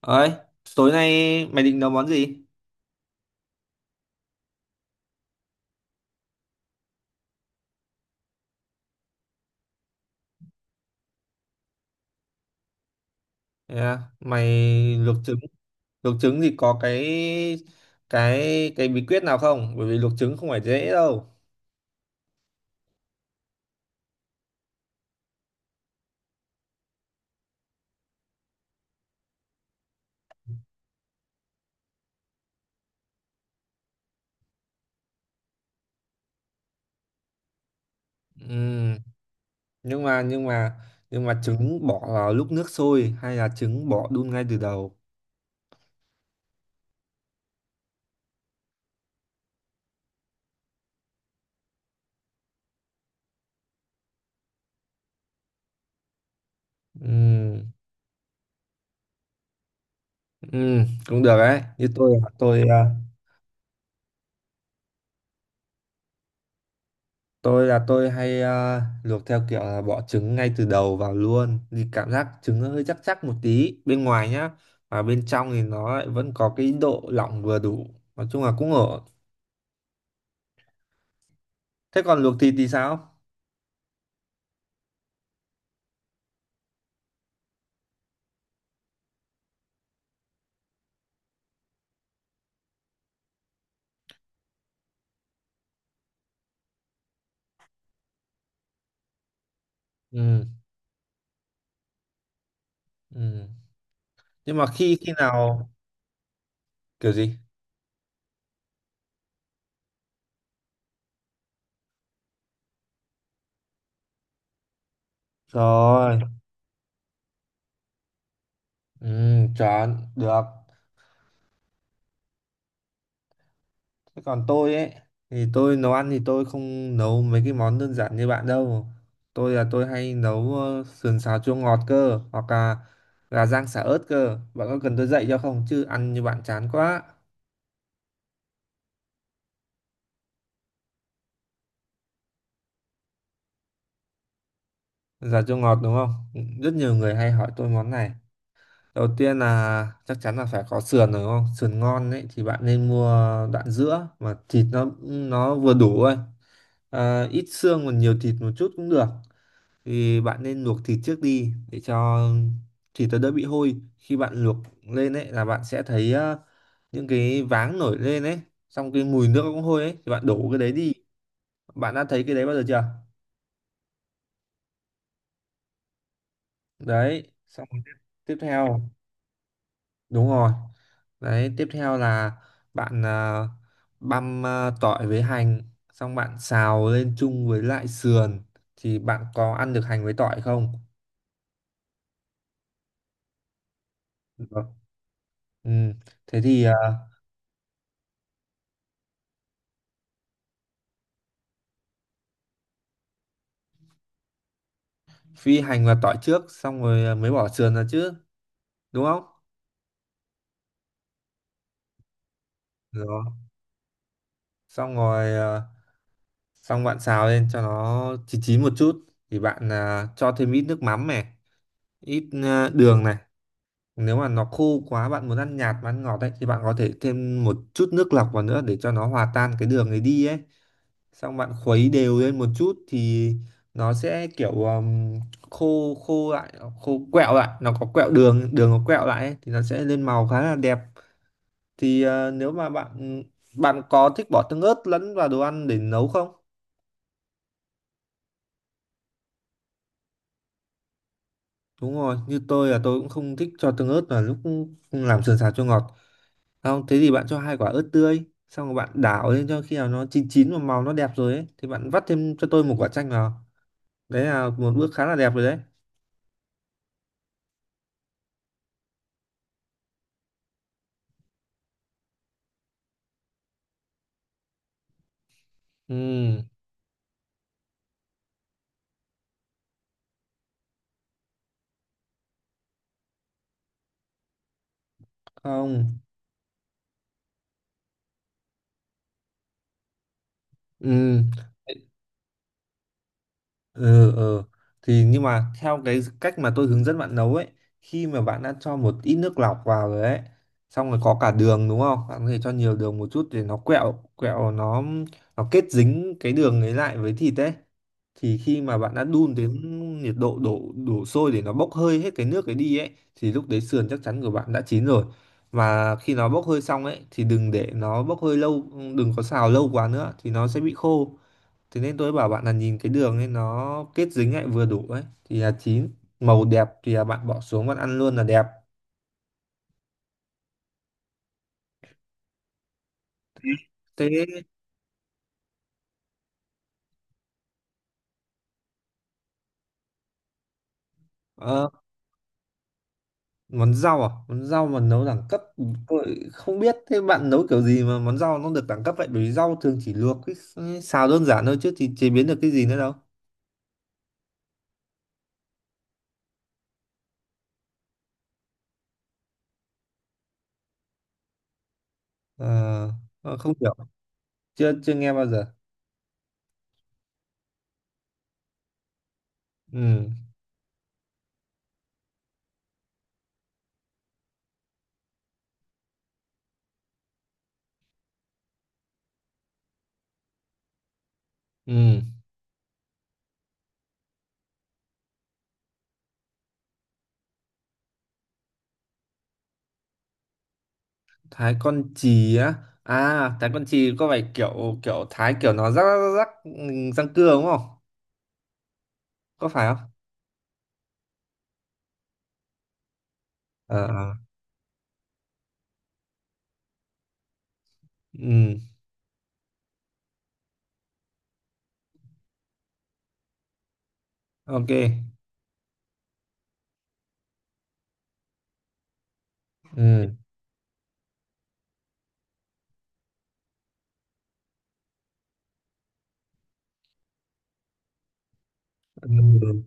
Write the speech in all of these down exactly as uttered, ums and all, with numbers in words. Ấy, tối nay mày định nấu món gì? Yeah, mày luộc trứng, luộc trứng thì có cái cái cái bí quyết nào không? Bởi vì luộc trứng không phải dễ đâu. Ừm, nhưng mà nhưng mà nhưng mà trứng bỏ vào lúc nước sôi hay là trứng bỏ đun ngay từ đầu? Ừm, ừm, cũng được đấy. Như tôi à, tôi à, tôi là tôi hay ờ, luộc theo kiểu là bỏ trứng ngay từ đầu vào luôn thì cảm giác trứng nó hơi chắc chắc một tí bên ngoài nhá, và bên trong thì nó lại vẫn có cái độ lỏng vừa đủ, nói chung là cũng ổn. Thế còn luộc thịt thì sao? Ừ, ừ. Nhưng mà khi khi nào? Kiểu gì? Trời ơi, ừ, chọn được. Thế còn tôi ấy thì tôi nấu ăn thì tôi không nấu mấy cái món đơn giản như bạn đâu. Tôi là tôi hay nấu ờ, sườn xào chua ngọt cơ hoặc là gà rang xả ớt cơ. Bạn có cần tôi dạy cho không chứ ăn như bạn chán quá. Sườn xào chua ngọt đúng không? Rất nhiều người hay hỏi tôi món này. Đầu tiên là chắc chắn là phải có sườn rồi đúng không? Sườn ngon ấy thì bạn nên mua đoạn giữa mà thịt nó nó vừa đủ thôi. À, ít xương còn nhiều thịt một chút cũng được, thì bạn nên luộc thịt trước đi để cho thịt nó đỡ bị hôi. Khi bạn luộc lên ấy là bạn sẽ thấy ờ, những cái váng nổi lên ấy, xong cái mùi nước cũng hôi ấy, thì bạn đổ cái đấy đi. Bạn đã thấy cái đấy bao giờ chưa? Đấy, xong rồi tiếp, tiếp theo, đúng rồi. Đấy, tiếp theo là bạn ờ, băm ờ, tỏi với hành, xong bạn xào lên chung với lại sườn. Thì bạn có ăn được hành với tỏi không? Được. Ừ. Thế thì ờ, phi hành vào tỏi trước xong rồi ờ, mới bỏ sườn ra chứ, đúng không? Rồi, xong rồi, ờ, xong bạn xào lên cho nó chín chín một chút thì bạn ờ, cho thêm ít nước mắm này, ít ờ, đường này. Nếu mà nó khô quá, bạn muốn ăn nhạt mà ăn ngọt ấy, thì bạn có thể thêm một chút nước lọc vào nữa để cho nó hòa tan cái đường ấy đi ấy, xong bạn khuấy đều lên một chút thì nó sẽ kiểu ờm, khô khô lại, ờ, khô quẹo lại, nó có quẹo đường, đường nó quẹo lại ấy, thì nó sẽ lên màu khá là đẹp. Thì ờ, nếu mà bạn bạn có thích bỏ tương ớt lẫn vào đồ ăn để nấu không? Đúng rồi, như tôi là tôi cũng không thích cho tương ớt vào lúc làm sườn xào cho ngọt. Không, thế thì bạn cho hai quả ớt tươi, xong rồi bạn đảo lên cho khi nào nó chín chín và màu nó đẹp rồi ấy, thì bạn vắt thêm cho tôi một quả chanh vào. Đấy là một bước khá là đẹp rồi đấy. Ừ, không, ừ. Ừ, ừ. Thì nhưng mà theo cái cách mà tôi hướng dẫn bạn nấu ấy, khi mà bạn đã cho một ít nước lọc vào rồi ấy, xong rồi có cả đường đúng không, bạn có thể cho nhiều đường một chút để nó quẹo quẹo, nó nó kết dính cái đường ấy lại với thịt ấy, thì khi mà bạn đã đun đến nhiệt độ đổ đổ sôi để nó bốc hơi hết cái nước ấy đi ấy, thì lúc đấy sườn chắc chắn của bạn đã chín rồi. Và khi nó bốc hơi xong ấy thì đừng để nó bốc hơi lâu, đừng có xào lâu quá nữa thì nó sẽ bị khô. Thế nên tôi bảo bạn là nhìn cái đường ấy nó kết dính lại vừa đủ ấy thì là chín, màu đẹp thì là bạn bỏ xuống bạn ăn luôn là đẹp. Thế ờ, món rau à? Món rau mà nấu đẳng cấp, tôi không biết thế bạn nấu kiểu gì mà món rau nó được đẳng cấp vậy? Bởi vì rau thường chỉ luộc với xào đơn giản thôi chứ, thì chế biến được cái gì nữa đâu. Ờ, ờ, không hiểu, chưa chưa nghe bao giờ. Ừ, ừ, thái con chì á. À, thái con chì có phải kiểu kiểu thái kiểu nó rắc rắc rắc, ừ, răng cưa đúng không? Có phải không? Ờ, ờ. Ừ, ok, ừ, ừ,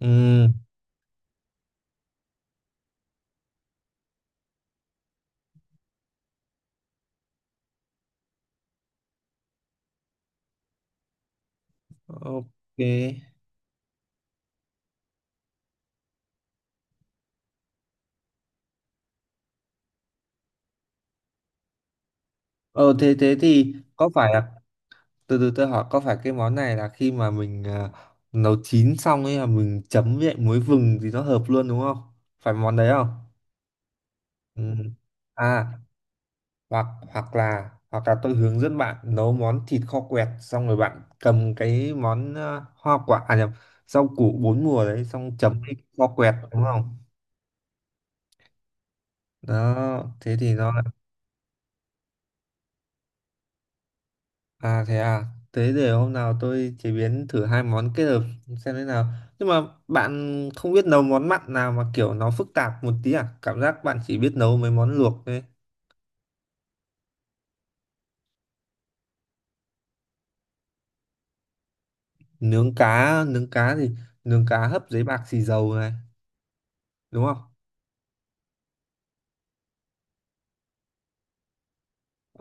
ừ, ok. Ờ, thế thế thì có phải là, từ từ tôi hỏi, có phải cái món này là khi mà mình à, nấu chín xong ấy là mình chấm với lại muối vừng thì nó hợp luôn đúng không? Phải món đấy không? Ừ. À, hoặc hoặc là hoặc là tôi hướng dẫn bạn nấu món thịt kho quẹt xong rồi bạn cầm cái món à, hoa quả à, nhầm, rau củ bốn mùa đấy xong chấm với kho quẹt đúng không? Đó, thế thì nó. À thế à, thế để hôm nào tôi chế biến thử hai món kết hợp xem thế nào. Nhưng mà bạn không biết nấu món mặn nào mà kiểu nó phức tạp một tí à? Cảm giác bạn chỉ biết nấu mấy món luộc thôi. Nướng cá, nướng cá thì nướng cá hấp giấy bạc xì dầu này, đúng không?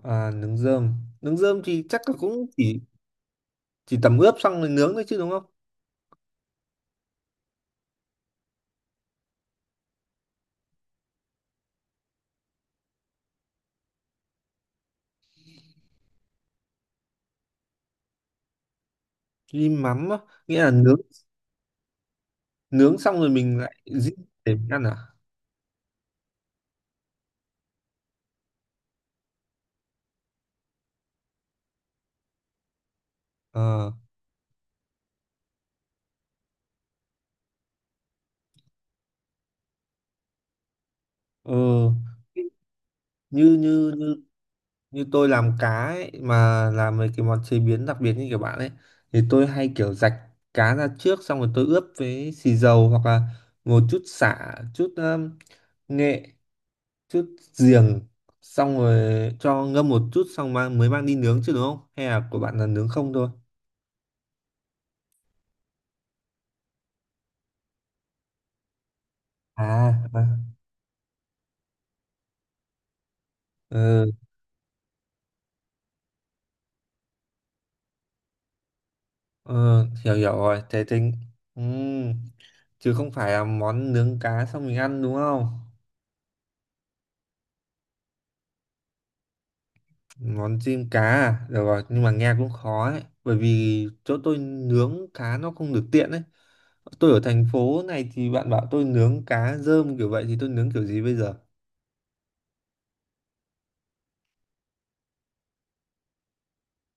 À, nướng rơm, nướng rơm thì chắc là cũng chỉ chỉ tẩm ướp xong rồi nướng thôi chứ đúng không? Rim mắm á, nghĩa là nướng, nướng xong rồi mình lại giết để mình ăn à? Ờ, ờ, như như như như tôi làm cá ấy, mà làm mấy cái món chế biến đặc biệt như kiểu bạn ấy, thì tôi hay kiểu rạch cá ra trước, xong rồi tôi ướp với xì dầu hoặc là một chút sả, chút um, nghệ, chút giềng, xong rồi cho ngâm một chút xong mang, mới mang đi nướng chứ, đúng không, hay là của bạn là nướng không thôi? à à, ừ, ừ, hiểu hiểu rồi, thế tính, ừ, chứ không phải là món nướng cá xong mình ăn đúng không? Món chim cá à? Được rồi, nhưng mà nghe cũng khó ấy. Bởi vì chỗ tôi nướng cá nó không được tiện ấy. Tôi ở thành phố này thì bạn bảo tôi nướng cá rơm kiểu vậy thì tôi nướng kiểu gì bây giờ?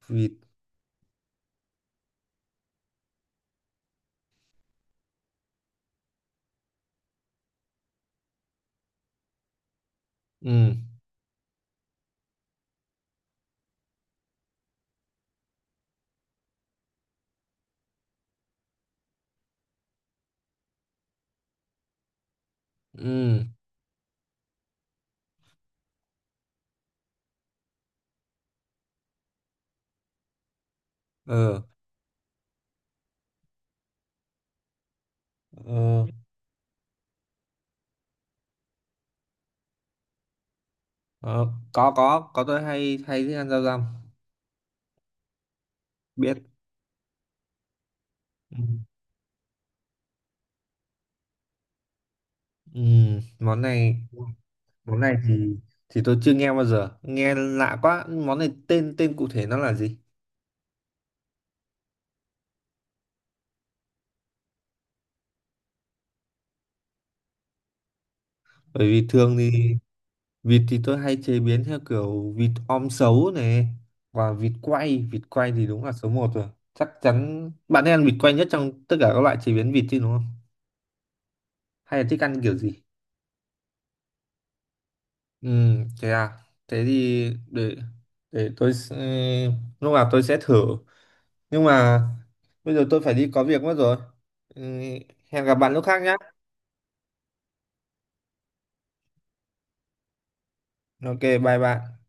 Vịt. Ừ, ừ, ừ, ừ. Ờ, có, có, có tôi hay hay thích ăn rau răm. Biết. Ừ. Ừ, món này, món này thì thì tôi chưa nghe bao giờ. Nghe lạ quá. Món này tên tên cụ thể nó là gì? Bởi vì thường thì vịt thì tôi hay chế biến theo kiểu vịt om sấu này, và vịt quay, vịt quay thì đúng là số một rồi. Chắc chắn bạn hay ăn vịt quay nhất trong tất cả các loại chế biến vịt chứ đúng không? Hay là thích ăn kiểu gì? Ừ, thế à. Thế thì để để tôi, s- lúc nào tôi sẽ thử. Nhưng mà bây giờ tôi phải đi có việc mất rồi. Ừ, hẹn gặp bạn lúc khác nhé. Ok, bye bạn.